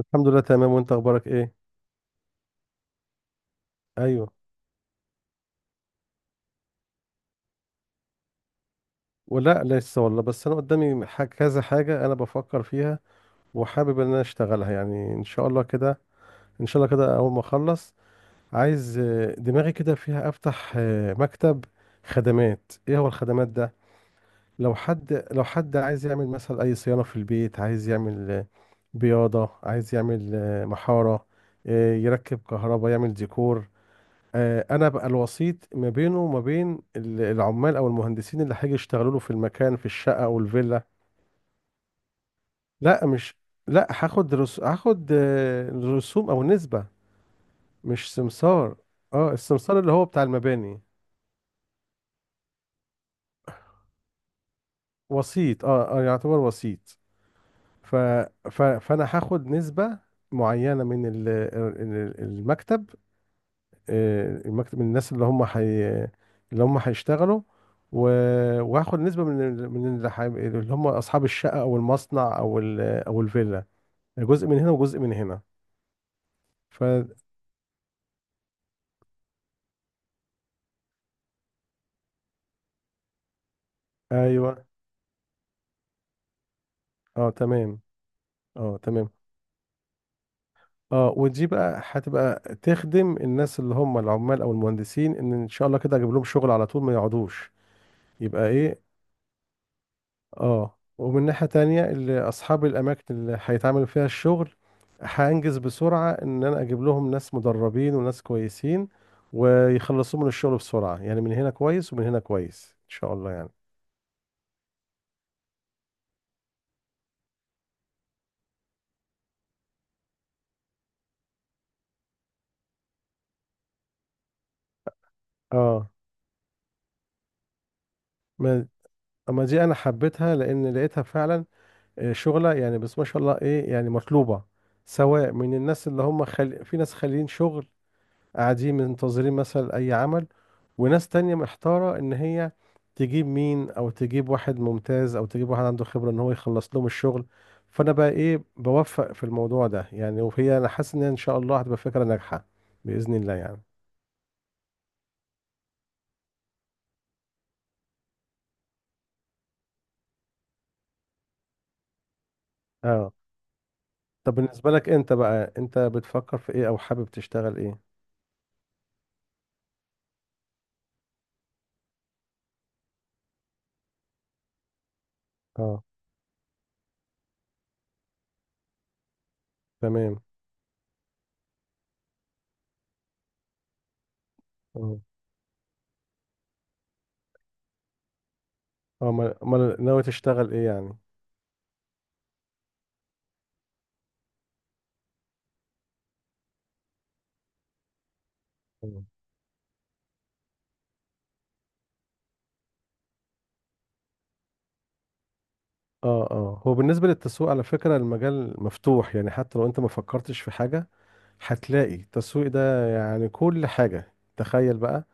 الحمد لله تمام، وانت اخبارك ايه؟ ايوه. ولا لسه والله، بس انا قدامي كذا حاجه انا بفكر فيها. وحابب ان انا اشتغلها يعني ان شاء الله كده. ان شاء الله كده اول ما اخلص، عايز دماغي كده فيها افتح مكتب خدمات. ايه هو الخدمات ده؟ لو حد عايز يعمل مثلا اي صيانه في البيت، عايز يعمل بياضه، عايز يعمل محاره، يركب كهرباء، يعمل ديكور. انا بقى الوسيط ما بينه وما بين العمال او المهندسين اللي هيجي يشتغلوا له في المكان، في الشقه او الفيلا. لا، مش. لا، هاخد هاخد رسوم او نسبه. مش سمسار. اه، السمسار اللي هو بتاع المباني. وسيط، اه، اه، يعتبر وسيط. ف... فانا هاخد نسبه معينه من المكتب. المكتب، من الناس اللي هم هيشتغلوا. و... وهاخد نسبة من من اللي هم أصحاب الشقة أو المصنع أو أو الفيلا. جزء من هنا وجزء من هنا. ف أيوه. أه، تمام. أه، تمام. أه، ودي بقى هتبقى تخدم الناس اللي هم العمال أو المهندسين، إن شاء الله كده أجيب لهم شغل على طول ما يقعدوش. يبقى إيه؟ اه، ومن ناحية تانية، اللي أصحاب الأماكن اللي هيتعمل فيها الشغل، هأنجز بسرعة، إن أنا أجيب لهم ناس مدربين وناس كويسين، ويخلصوا من الشغل بسرعة، يعني من هنا كويس ومن هنا كويس إن شاء الله يعني. اه، ما أما دي أنا حبيتها لأن لقيتها فعلا شغلة يعني، بس ما شاء الله، إيه يعني، مطلوبة سواء من الناس في ناس خاليين شغل، قاعدين منتظرين مثلا أي عمل. وناس تانية محتارة إن هي تجيب مين، أو تجيب واحد ممتاز، أو تجيب واحد عنده خبرة إن هو يخلص لهم الشغل. فأنا بقى إيه، بوفق في الموضوع ده يعني، وهي أنا حاسس إن هي إن شاء الله هتبقى فكرة ناجحة، بإذن الله يعني. أه. طب بالنسبة لك، أنت بقى أنت بتفكر في إيه، أو حابب تشتغل إيه؟ أه، تمام. أه، أه، أمال ناوي تشتغل إيه يعني؟ مم. اه، اه، هو بالنسبة للتسويق، على فكرة، المجال مفتوح يعني حتى لو انت ما فكرتش في حاجة، هتلاقي التسويق ده يعني كل حاجة، تخيل بقى.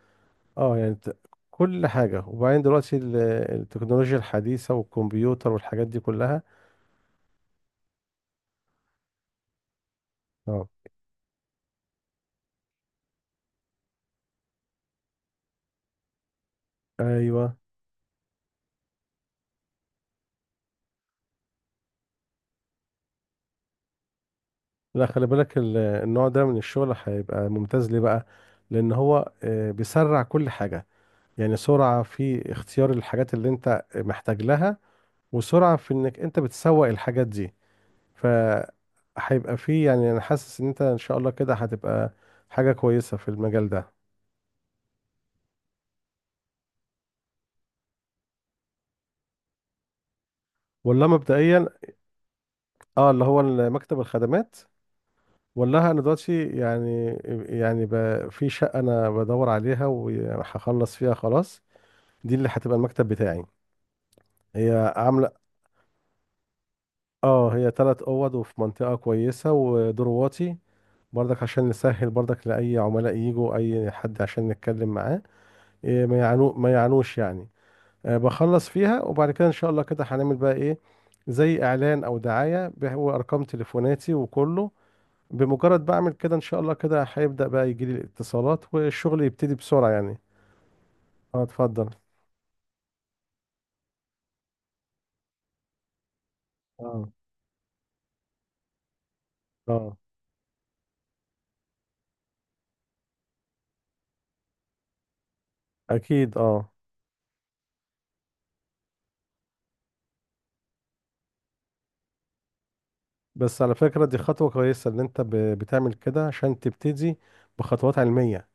اه، يعني كل حاجة، وبعدين دلوقتي التكنولوجيا الحديثة والكمبيوتر والحاجات دي كلها. اه، ايوه. لا، خلي بالك النوع ده من الشغل هيبقى ممتاز ليه بقى. لان هو بيسرع كل حاجة، يعني سرعة في اختيار الحاجات اللي انت محتاج لها، وسرعة في انك انت بتسوق الحاجات دي. ف هيبقى فيه يعني، انا حاسس ان انت ان شاء الله كده هتبقى حاجة كويسة في المجال ده. ولا مبدئيا، اه، اللي هو مكتب الخدمات. ولا انا دلوقتي يعني في شقه انا بدور عليها وهخلص فيها، خلاص. دي اللي هتبقى المكتب بتاعي. هي عامله، اه هي ثلاث اوض وفي منطقه كويسه ودور واطي، برضك عشان نسهل، برضك لاي عملاء يجوا اي حد عشان نتكلم معاه. إيه، ما يعانوش يعني. بخلص فيها، وبعد كده ان شاء الله كده هنعمل بقى ايه، زي اعلان او دعايه، وارقام تليفوناتي وكله. بمجرد بعمل كده ان شاء الله كده هيبدأ بقى يجي لي الاتصالات والشغل يبتدي بسرعة يعني. اه، اتفضل. اه، اه، اكيد، اه، بس على فكرة دي خطوة كويسة ان انت بتعمل كده عشان تبتدي بخطوات علمية.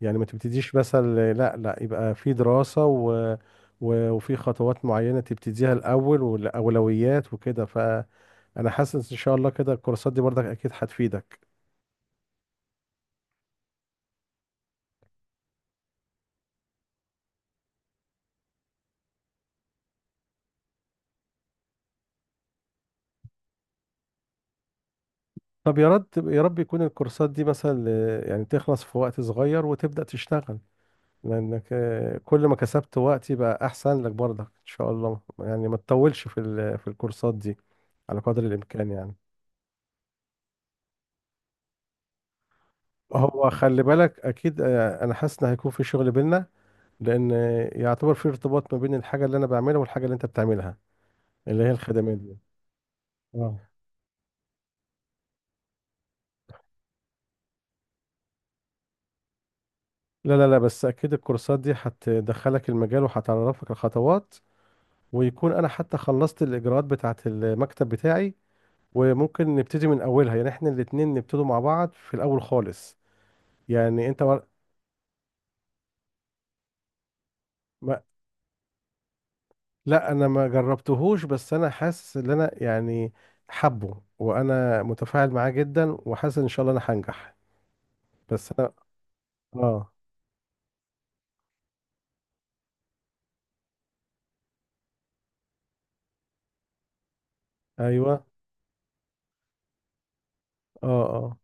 يعني ما تبتديش مثلا، لا، لا، يبقى في دراسة وفي خطوات معينة تبتديها الاول، والاولويات وكده، فانا حاسس ان شاء الله كده الكورسات دي برضك اكيد هتفيدك. طب يا رب يا رب، يكون الكورسات دي مثلا، يعني تخلص في وقت صغير وتبدأ تشتغل. لانك كل ما كسبت وقتي بقى احسن لك برضك ان شاء الله يعني، ما تطولش في الكورسات دي على قدر الامكان يعني. هو خلي بالك، اكيد انا حاسس ان هيكون في شغل بينا. لان يعتبر في ارتباط ما بين الحاجه اللي انا بعملها والحاجه اللي انت بتعملها، اللي هي الخدمات دي. اه، لا، لا، لا، بس اكيد الكورسات دي هتدخلك المجال وهتعرفك الخطوات، ويكون انا حتى خلصت الاجراءات بتاعه المكتب بتاعي، وممكن نبتدي من اولها يعني، احنا الاتنين نبتدوا مع بعض في الاول خالص. يعني انت مر... ما... لا، انا ما جربتهوش، بس انا حاسس ان انا يعني حبه، وانا متفاعل معاه جدا، وحاسس ان شاء الله انا هنجح. بس انا. اه. ايوه. اه، اه.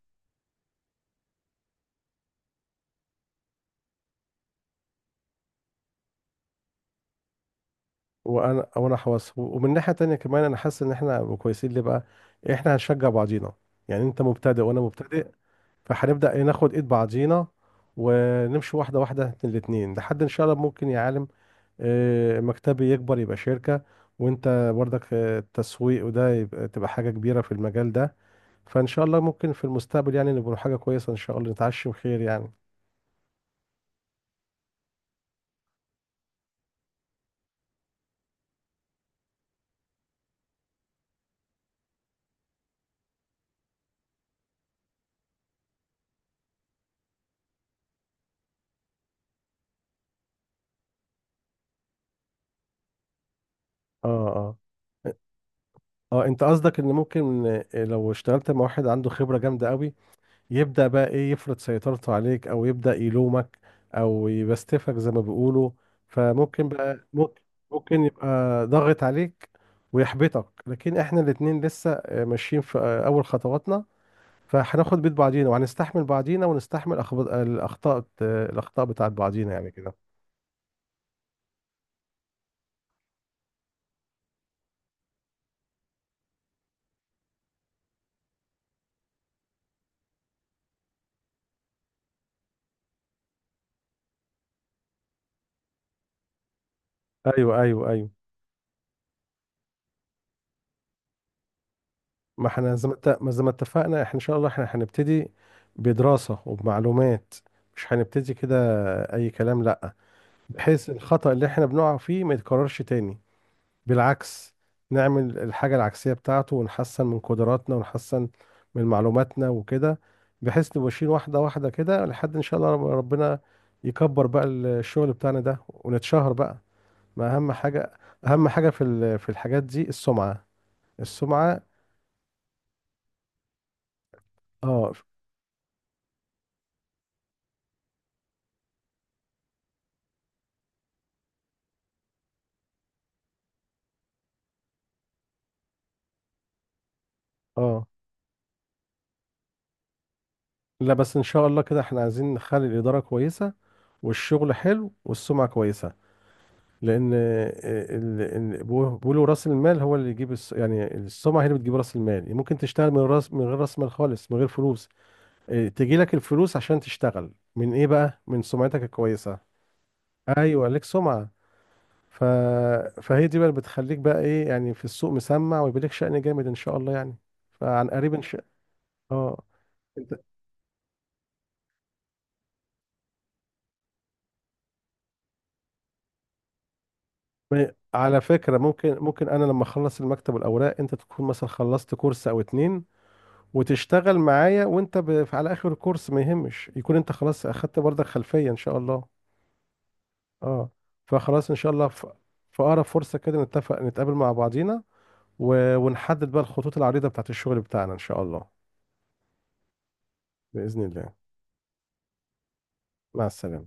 وانا حواس، ومن ناحية تانية كمان انا حاسس ان احنا هنبقى كويسين ليه بقى. احنا هنشجع بعضينا، يعني انت مبتدئ وانا مبتدئ. فهنبدأ إيه، ناخد ايد بعضينا، ونمشي واحدة واحدة الاتنين، لحد ان شاء الله ممكن، يا عالم، مكتبي يكبر يبقى شركة. وانت برضك التسويق وده تبقى حاجة كبيرة في المجال ده. فان شاء الله ممكن في المستقبل يعني نبقى حاجة كويسة، ان شاء الله نتعشم خير يعني. اه، اه، اه، انت قصدك ان ممكن لو اشتغلت مع واحد عنده خبرة جامدة قوي، يبدأ بقى ايه، يفرض سيطرته عليك، او يبدأ يلومك، او يبستفك زي ما بيقولوا. فممكن بقى، ممكن يبقى ضاغط عليك ويحبطك، لكن احنا الاتنين لسه ماشيين في اول خطواتنا. فهناخد بيت بعضينا، وهنستحمل بعضينا، ونستحمل الأخطاء بتاعت بعضينا يعني كده. أيوه، أيوه، أيوه. ما احنا زي ما اتفقنا احنا، إن شاء الله احنا هنبتدي بدراسة وبمعلومات، مش هنبتدي كده أي كلام، لأ. بحيث الخطأ اللي احنا بنقع فيه ما يتكررش تاني. بالعكس، نعمل الحاجة العكسية بتاعته، ونحسن من قدراتنا، ونحسن من معلوماتنا وكده. بحيث نبقى ماشيين واحدة واحدة كده، لحد إن شاء الله ربنا يكبر بقى الشغل بتاعنا ده ونتشهر بقى. ما اهم حاجه، اهم حاجه في الحاجات دي السمعه، السمعه. اه، اه، لا، بس ان شاء الله كده احنا عايزين نخلي الاداره كويسه، والشغل حلو، والسمعه كويسه. لان بيقولوا راس المال هو اللي يجيب يعني السمعه هي اللي بتجيب راس المال، ممكن تشتغل من غير راس مال خالص، من غير فلوس. إيه، تجي لك الفلوس عشان تشتغل من ايه بقى، من سمعتك الكويسه. ايوه، ليك سمعه. ف... فهي دي بقى اللي بتخليك بقى ايه يعني، في السوق مسمع، ويبقى لك شأن جامد ان شاء الله يعني. فعن قريب ان شاء. اه، انت على فكرة ممكن انا لما اخلص المكتب والاوراق انت تكون مثلا خلصت كورس او اتنين، وتشتغل معايا وانت على اخر الكورس، ما يهمش يكون انت خلاص اخدت برضك خلفية ان شاء الله. اه، فخلاص ان شاء الله في اقرب فرصة كده نتفق، نتقابل مع بعضينا، ونحدد بقى الخطوط العريضة بتاعت الشغل بتاعنا ان شاء الله. بإذن الله. مع السلامة.